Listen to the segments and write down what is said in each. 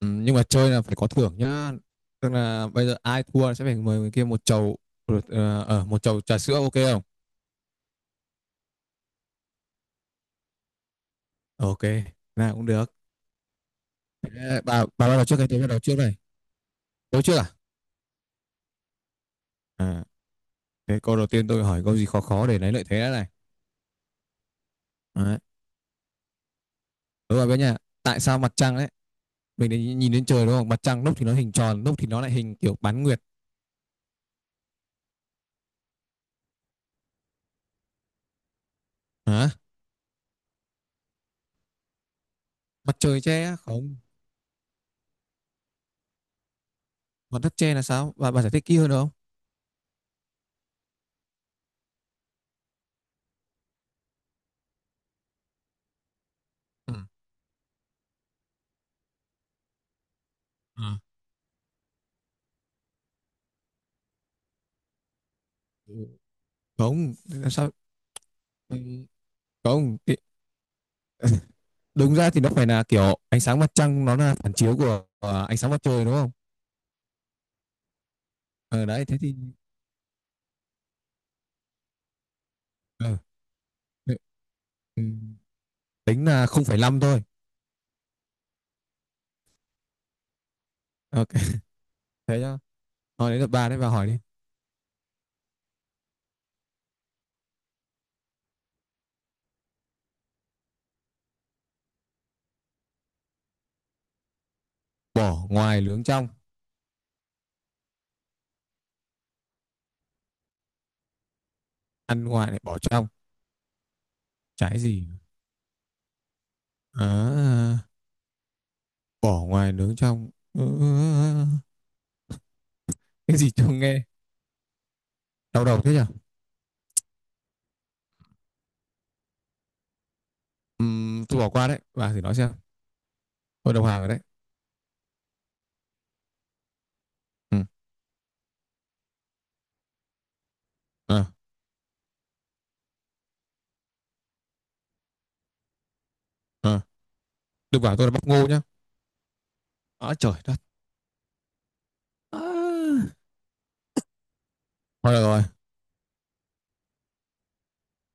Ừ, nhưng mà chơi là phải có thưởng nhá, tức là bây giờ ai thua sẽ phải mời người kia một chầu một chầu trà sữa, ok không? Ok, nào cũng được. Thế bà bắt đầu trước cái tôi bắt đầu trước này, tôi trước à? à Thế câu đầu tiên tôi hỏi câu gì khó khó để lấy lợi thế đã này. Đấy. Đúng rồi bé nhà, tại sao mặt trăng đấy mình để nhìn đến trời đúng không, mặt trăng lúc thì nó hình tròn lúc thì nó lại hình kiểu bán nguyệt? Hả? Mặt trời che á? Không, mặt đất che là sao, bà giải thích kỹ hơn được không? Ừ. Ừ. Không làm sao. Ừ, không, đúng ra thì nó phải là kiểu ánh sáng mặt trăng nó là phản chiếu của ánh sáng mặt trời đúng không? Ờ đấy thế thì ờ, thế- ừ, tính là 0,5 thôi. Ok thế nhá, hỏi đến lượt bà đấy, bà hỏi đi. Bỏ ngoài nướng trong, ăn ngoài lại bỏ trong, trái gì? à, Bỏ ngoài nướng trong. Ờ, cái gì chưa nghe, đau đầu thế nhở. Tôi bỏ qua đấy, bà thử nói xem, tôi đồng hàng rồi đấy. Ừ. ờ, ờ. Đừng bảo tôi là bắp ngô nhá. À, trời đất. À. Thôi được rồi.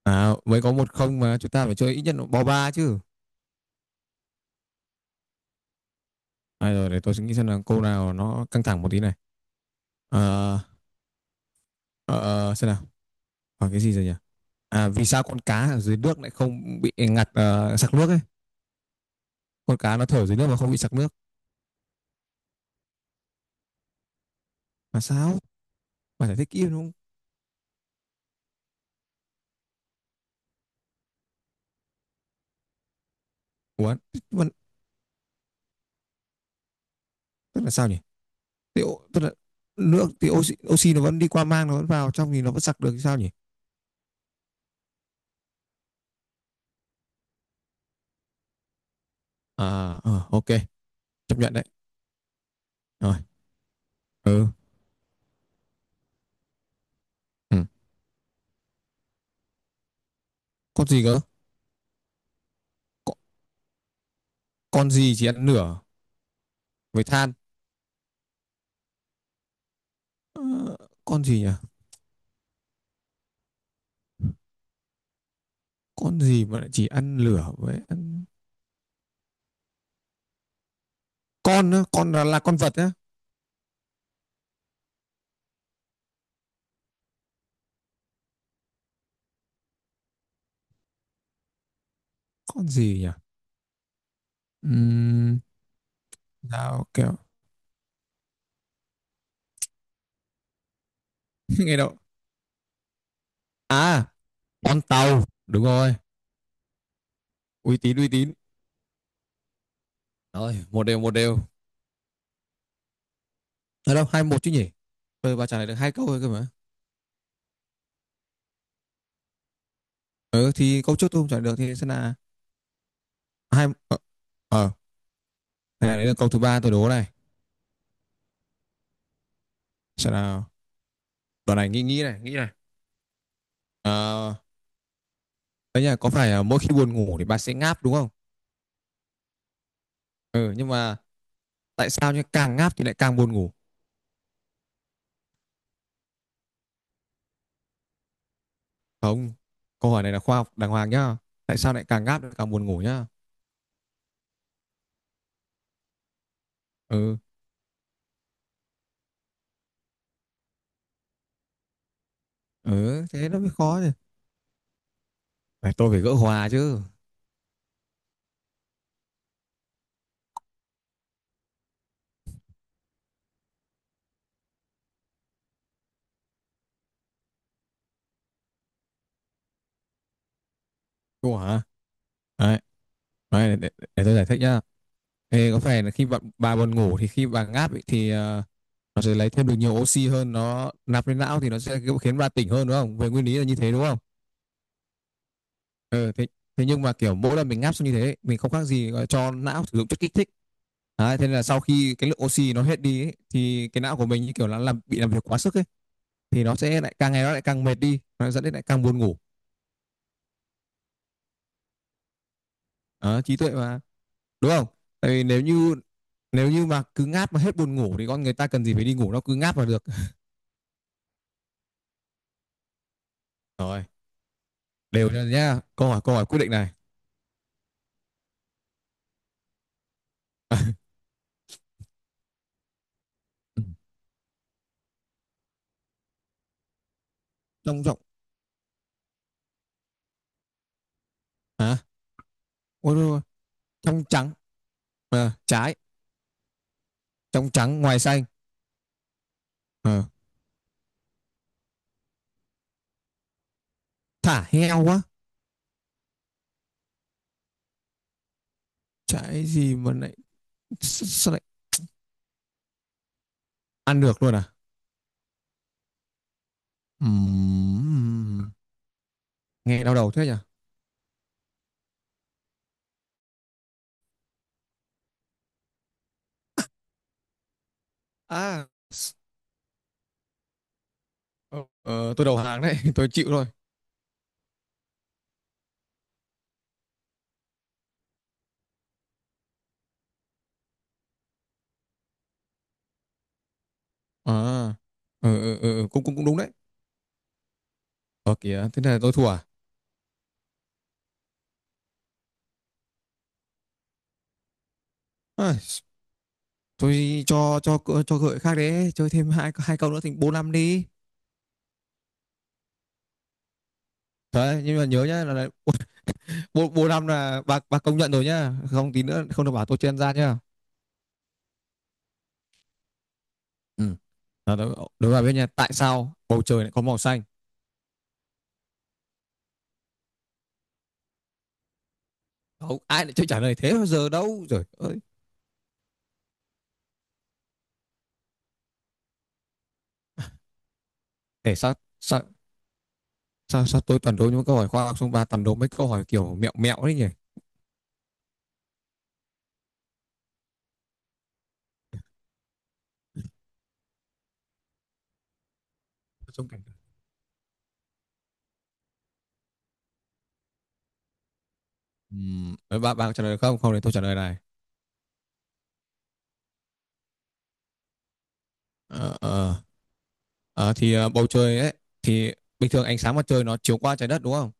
À, mới có một không mà chúng ta phải chơi ít nhất là bo ba chứ. À, rồi để tôi suy nghĩ xem là câu nào nó căng thẳng một tí này. Ờ, ờ, xem nào. Hỏi cái gì rồi nhỉ? À, vì sao con cá ở dưới nước lại không bị ngạt sặc nước ấy? Con cá nó thở dưới nước mà không bị sặc nước. Là sao? Bạn giải thích kỹ đúng không? Ủa, tức mà- tức là sao nhỉ? Tức là nước thì oxy nó vẫn đi qua mang nó vẫn vào trong thì nó vẫn sặc được thì sao nhỉ? À, ờ, ok, chấp nhận đấy. Rồi, ừ. Ừ. Con gì cơ? Con, con gì chỉ ăn nửa với than. Ờ, con gì nhỉ, con gì mà lại chỉ ăn lửa với ăn, con là con vật á? Con gì nhỉ? Ừm, dao kéo. Nghe đâu, à con tàu đúng rồi, uy tín uy tín. Rồi một đều một đều, ở đâu hai một chứ nhỉ, tôi bà trả lời được hai câu thôi cơ mà. Ừ thì câu trước tôi không trả lời được thì sẽ là hai. Ờ ờ, Này đấy là câu thứ ba tôi đố này, sẽ là, đoạn này nghĩ nghĩ này. ờ Đấy nhỉ, có phải là mỗi khi buồn ngủ thì bà sẽ ngáp đúng không? Ừ nhưng mà tại sao nhá, càng ngáp thì lại càng buồn ngủ? Không, câu hỏi này là khoa học đàng hoàng nhá, tại sao lại càng ngáp lại càng buồn ngủ nhá. Ừ. Ừ thế nó mới khó chứ, phải tôi phải gỡ hòa chứ. Cô hả? Đấy, để tôi giải thích nhá. Ê, có phải là khi bà buồn ngủ thì khi bà ngáp ấy, thì nó sẽ lấy thêm được nhiều oxy hơn, nó nạp lên não thì nó sẽ khiến bà tỉnh hơn đúng không, về nguyên lý là như thế đúng không. Ừ, thế thế nhưng mà kiểu mỗi lần mình ngáp xong như thế mình không khác gì gọi là cho não sử dụng chất kích thích. Đấy, thế nên là sau khi cái lượng oxy nó hết đi ấy, thì cái não của mình như kiểu là bị làm việc quá sức ấy, thì nó sẽ lại càng ngày nó lại càng mệt đi, nó dẫn đến lại càng buồn ngủ. Đó, trí tuệ mà, đúng không. Tại vì nếu như, nếu như mà cứ ngáp mà hết buồn ngủ thì con người ta cần gì phải đi ngủ, nó cứ ngáp là được. Rồi đều ra nhá, câu hỏi quyết định này. À, trong rộng. Hả? Ôi đúng, trong trắng. Ờ, trái trong trắng ngoài xanh. Ờ, thả heo quá, trái gì mà lại sao lại ăn được luôn à? Ừm. Nghe đau đầu thế nhỉ. à ờ, tôi đầu hàng đấy tôi chịu thôi. À, ừ, ừ, ừ, cũng cũng cũng đúng đấy. Ờ kìa thế này tôi thua à? Ai, tôi cho gợi khác đấy, chơi thêm hai hai câu nữa thành bô năm đi. Đấy, nhưng mà nhớ nhá là bô, bô năm là bà công nhận rồi nhá, không tí nữa không được bảo tôi chen ra nhá. Ừ, đó, đó, đó là bên nhà, tại sao bầu trời lại có màu xanh? Không ai lại chơi trả lời thế bao giờ đâu rồi ơi. Để sao sao sao tôi toàn đố những câu hỏi khoa học xong bà toàn đố mấy câu hỏi kiểu mẹo mẹo đấy nhỉ. Trong cảnh. Đấy, bạn bạn có trả lời được không, không thì tôi trả lời này. Ờ, ờ, bầu trời ấy thì bình thường ánh sáng mặt trời nó chiếu qua trái đất đúng không.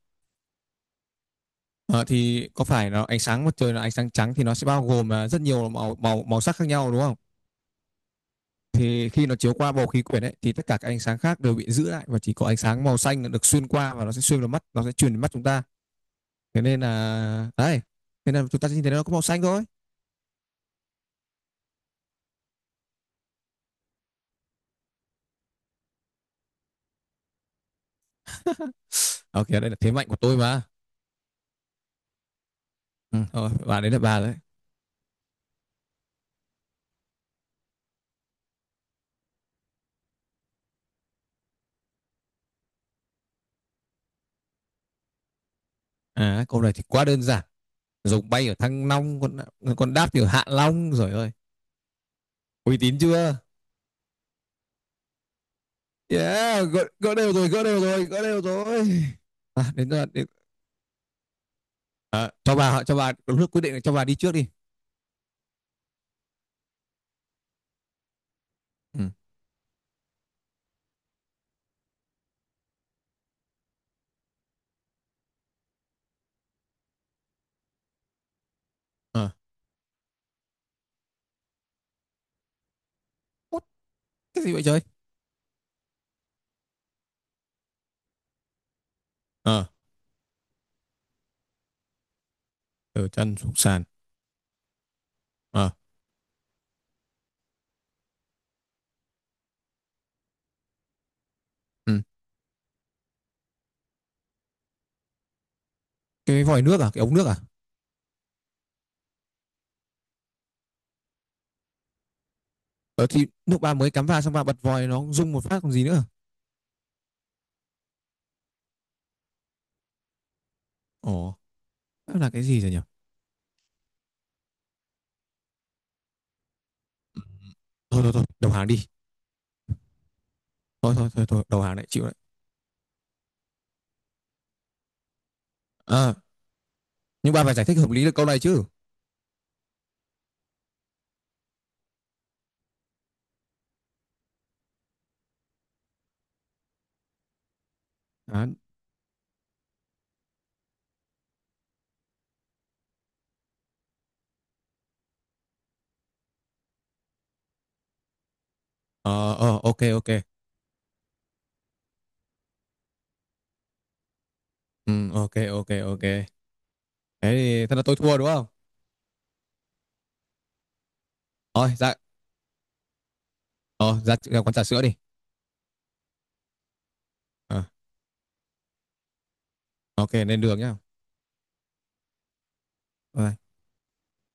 Ờ, thì có phải nó ánh sáng mặt trời là ánh sáng trắng thì nó sẽ bao gồm rất nhiều màu màu màu sắc khác nhau đúng không. Thì khi nó chiếu qua bầu khí quyển ấy thì tất cả các ánh sáng khác đều bị giữ lại và chỉ có ánh sáng màu xanh là được xuyên qua, và nó sẽ xuyên vào mắt, nó sẽ truyền đến mắt chúng ta. Thế nên là đấy, thế nên là chúng ta nhìn thấy nó có màu xanh thôi. Ok đây là thế mạnh của tôi mà. Ừ, thôi, bà đấy là bà đấy. À câu này thì quá đơn giản, rồng bay ở Thăng Long, con đáp thì ở Hạ Long rồi ơi. Uy tín chưa? Yeah, gỡ, gỡ đều rồi gỡ đều rồi gỡ đều rồi. À, đến giờ đến, à, cho bà lúc quyết định là cho bà đi trước đi. Ừ. À. Út, cái gì vậy trời? Ờ từ chân xuống sàn. Ờ. Ừ. Cái vòi nước à, cái ống nước à? Ờ thì lúc bà mới cắm vào xong bà bật vòi nó rung một phát còn gì nữa. Ồ. Đó là cái gì rồi nhỉ? Thôi thôi thôi đầu hàng đi, thôi thôi thôi thôi đầu hàng lại chịu đấy. À, nhưng ba phải giải thích hợp lý được câu này chứ. À, ờ ok ok. Ừ, ok ok ok thế thì thật là tôi thua đúng không. Thôi dạ, ờ ra, ra quán trà sữa đi. Ờ, ok lên đường nhá. Bye.